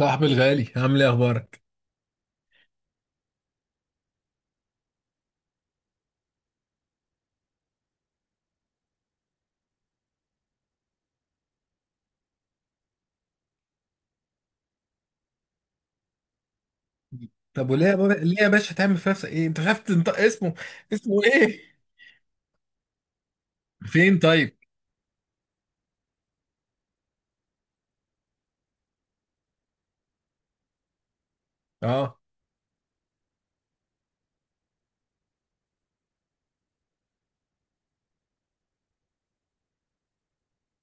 صاحبي الغالي عامل ايه اخبارك؟ طب وليه يا بابا ليه يا باشا تعمل في نفسك ايه؟ انت مش عارف تنطق اسمه؟ اسمه ايه؟ فين طيب؟ اه.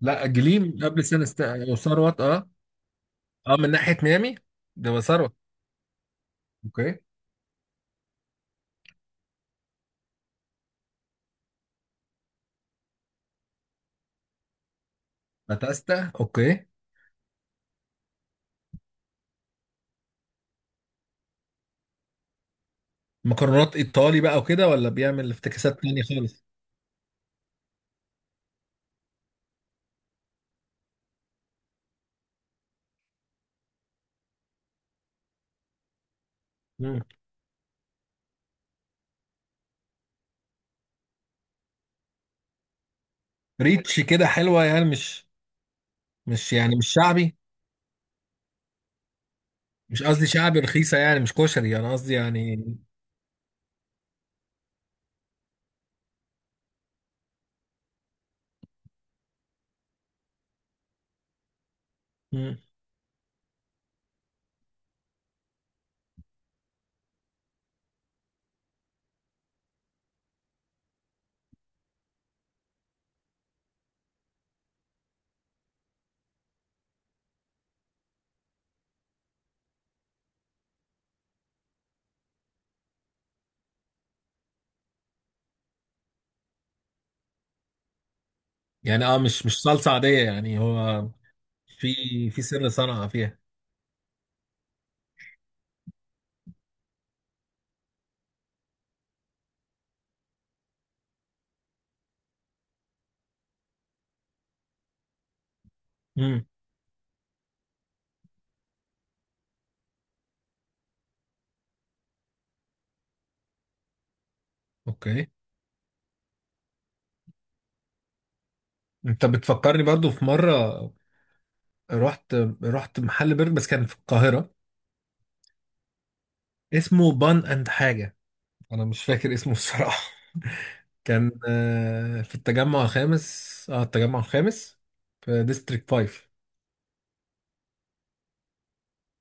لا، جليم قبل سنه وثروت، اه. اه، من ناحيه ميامي. ده ثروت. اوكي. باتاستا، اوكي. مكرونات ايطالي بقى وكده، ولا بيعمل افتكاسات تانية خالص؟ مم. ريتش كده حلوه، يعني مش، يعني مش شعبي. مش قصدي شعبي رخيصه، يعني مش كشري، انا قصدي يعني. مم. يعني مش صلصه عاديه، يعني هو في في سر صنعه فيها. امم. اوكي. انت بتفكرني برضو في مره رحت رحت محل برجر، بس كان في القاهره، اسمه بان اند حاجه، انا مش فاكر اسمه الصراحه. كان في التجمع الخامس، التجمع الخامس، في ديستريكت 5.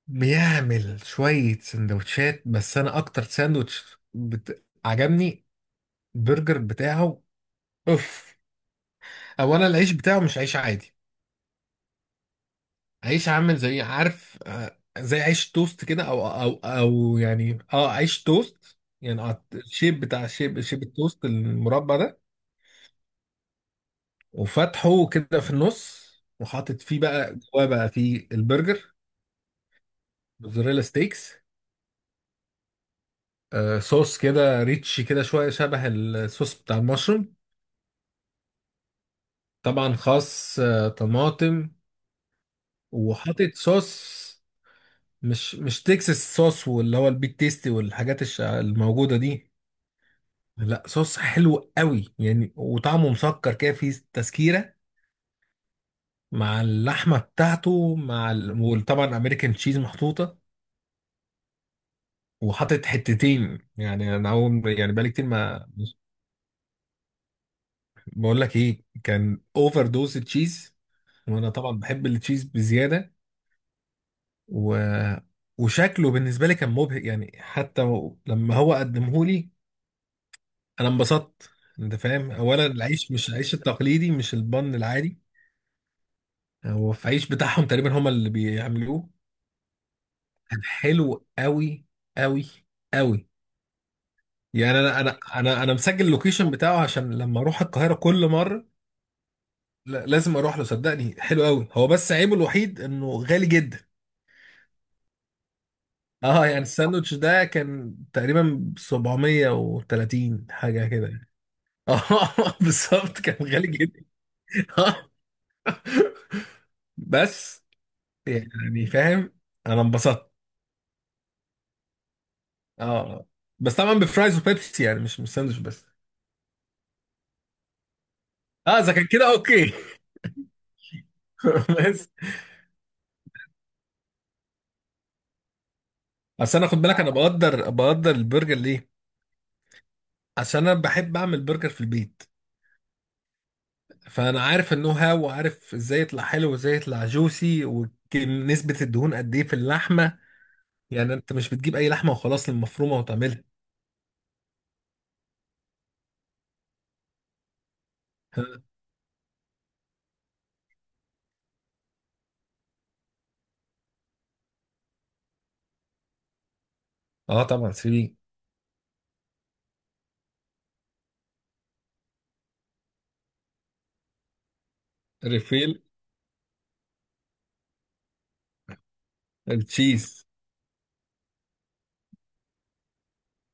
بيعمل شويه سندوتشات، بس انا اكتر ساندوتش عجبني البرجر بتاعه. اوف. اولا العيش بتاعه مش عيش عادي، عيش عامل زي، عارف، زي عيش توست كده، او يعني عيش توست، يعني الشيب بتاع الشيب شيب التوست المربع ده. وفتحه كده في النص، وحاطط فيه بقى، جواه بقى فيه البرجر، موزاريلا ستيكس، صوص كده ريتش كده شويه، شبه الصوص بتاع المشروم. طبعا خس، طماطم، وحاطط صوص، مش تكساس صوص، واللي هو البيك تيستي والحاجات الموجوده دي. لا، صوص حلو قوي يعني، وطعمه مسكر كده، فيه تسكيرة، مع اللحمة بتاعته مع وطبعا امريكان تشيز محطوطة. وحاطط حتتين، يعني انا اول، يعني بقالي كتير ما... بقول لك ايه، كان اوفر دوز تشيز، وانا طبعا بحب التشيز بزيادة. و... وشكله بالنسبة لي كان مبهج، يعني حتى لما هو قدمه لي، انا انبسطت. انت فاهم، اولا العيش مش العيش التقليدي، مش البن العادي، هو في عيش بتاعهم تقريبا، هما اللي بيعملوه. كان حلو قوي، قوي، قوي. يعني انا مسجل اللوكيشن بتاعه، عشان لما اروح القاهره كل مره، لا، لازم اروح له، صدقني حلو قوي، هو بس عيبه الوحيد انه غالي جدا. اه يعني الساندوتش ده كان تقريبا 730 حاجه كده يعني. اه، بالظبط، كان غالي جدا. آه. بس يعني، فاهم، انا انبسطت. اه بس طبعا بفرايز وبيبسي، يعني مش ساندوتش بس. اه، اذا كان كده اوكي. بس. اصل انا، خد بالك، انا بقدر البرجر ليه، عشان انا بحب اعمل برجر في البيت، فانا عارف النو هاو، وعارف ازاي يطلع حلو وازاي يطلع جوسي، ونسبة الدهون قد ايه في اللحمة، يعني انت مش بتجيب اي لحمة وخلاص المفرومة وتعملها. اه طبعا، سيبي، ريفيل التشيز،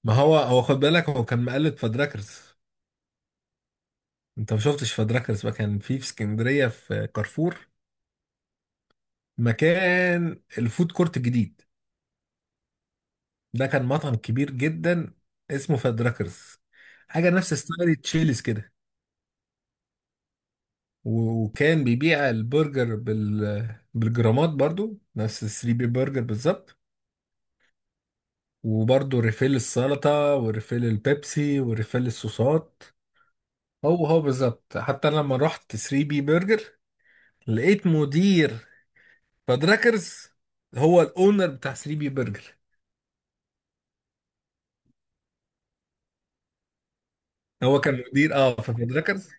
ما هو خد بالك، هو كان مقلد فدراكرز. انت ما شفتش فدراكرز بقى، كان في اسكندرية في كارفور، مكان الفود كورت الجديد. ده كان مطعم كبير جدا، اسمه فادراكرز، حاجة نفس ستايل تشيلز كده. وكان بيبيع البرجر بالجرامات، برضو نفس الثري بي برجر بالظبط، وبرضو ريفيل السلطة وريفيل البيبسي وريفيل الصوصات. هو بالظبط، حتى أنا لما رحت 3 بي برجر، لقيت مدير فادراكرز هو الاونر بتاع 3 بي برجر، هو كان مدير في فادراكرز.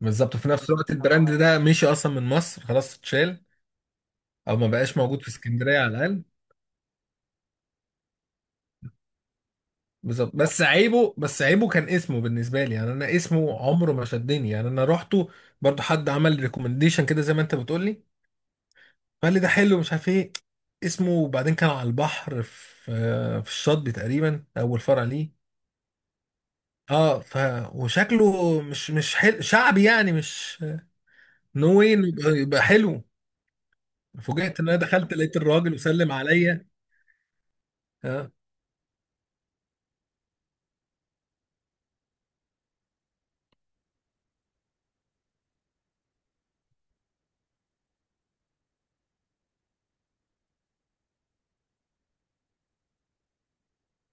بالظبط، في نفس الوقت البراند ده مشي اصلا من مصر، خلاص اتشال، او ما بقاش موجود في اسكندريه على الاقل. بالظبط، بس عيبه كان اسمه، بالنسبه لي يعني، انا اسمه عمره ما شدني، يعني انا رحته برضو، حد عمل ريكومنديشن كده زي ما انت بتقول لي، فقال لي ده حلو، مش عارف ايه اسمه. وبعدين كان على البحر، في الشاطبي تقريبا، اول فرع ليه. اه ف وشكله مش شعبي، يعني مش، نو واي إنه يبقى حلو. فوجئت ان انا دخلت لقيت الراجل وسلم عليا. آه.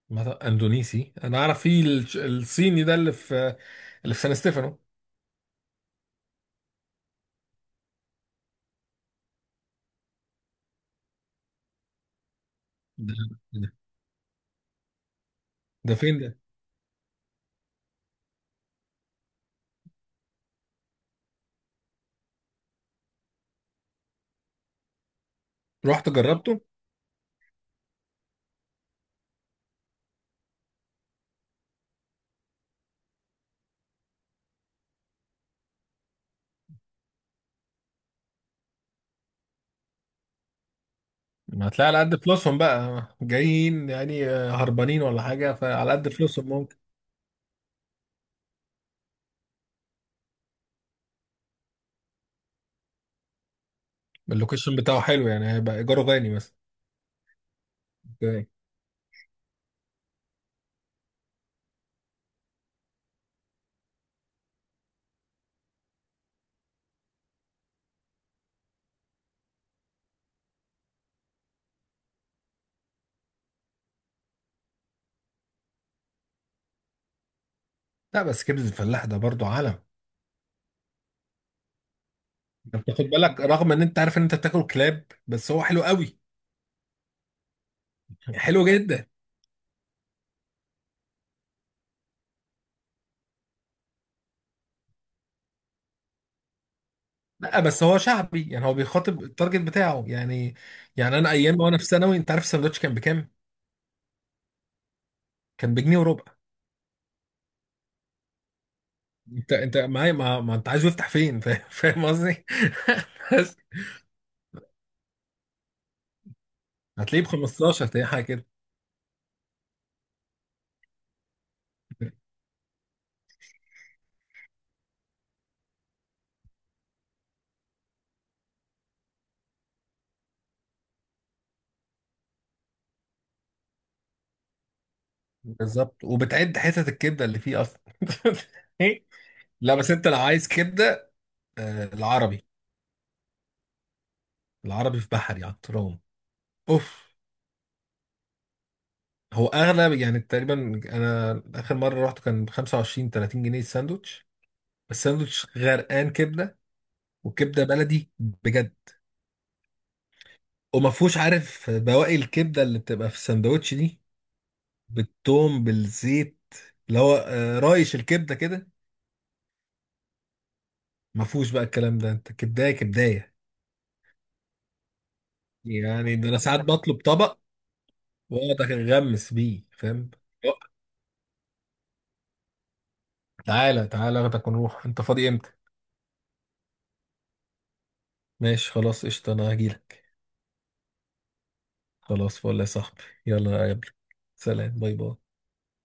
مثلا اندونيسي، انا اعرف فيه الصيني ده اللي في سان ستيفانو. ده ده ده فين ده؟ رحت جربته. ما هتلاقي، على قد فلوسهم بقى جايين يعني، هربانين ولا حاجه، فعلى قد فلوسهم ممكن. اللوكيشن بتاعه حلو، يعني هيبقى ايجاره غالي مثلا. اوكي. لا بس كبده الفلاح ده برضو عالم. انت بتاخد بالك، رغم ان انت عارف ان انت بتاكل كلاب، بس هو حلو قوي، حلو جدا. لا بس هو شعبي، يعني هو بيخاطب التارجت بتاعه يعني. يعني انا، ايام وانا في ثانوي، انت عارف الساندوتش كان بكام؟ كان بجنيه وربع. انت معايا، ما انت عايز يفتح فين؟ فاهم، فاهم قصدي. بس هتلاقيه ب 15، تلاقيه حاجه كده. بالظبط، وبتعد حتت الكبده اللي فيه اصلا. لا بس انت لو عايز كبده، العربي، العربي في بحري على الترام. اوف. هو اغلى، يعني تقريبا انا اخر مره رحت كان ب 25، 30 جنيه الساندوتش. بس الساندوتش غرقان كبده، والكبده بلدي بجد، وما فيهوش، عارف، بواقي الكبده اللي بتبقى في الساندوتش دي، بالثوم بالزيت، اللي هو رايش الكبده كده. ما فيهوش بقى الكلام ده، انت كبدايه كبدايه. يعني ده انا ساعات بطلب طبق واقعد اغمس بيه، فاهم. لا، تعالى تعالى اخدك ونروح، انت فاضي امتى؟ ماشي، خلاص قشطه، انا هجيلك. خلاص، فل يا صاحبي، يلا اقابلك. سلام، باي باي.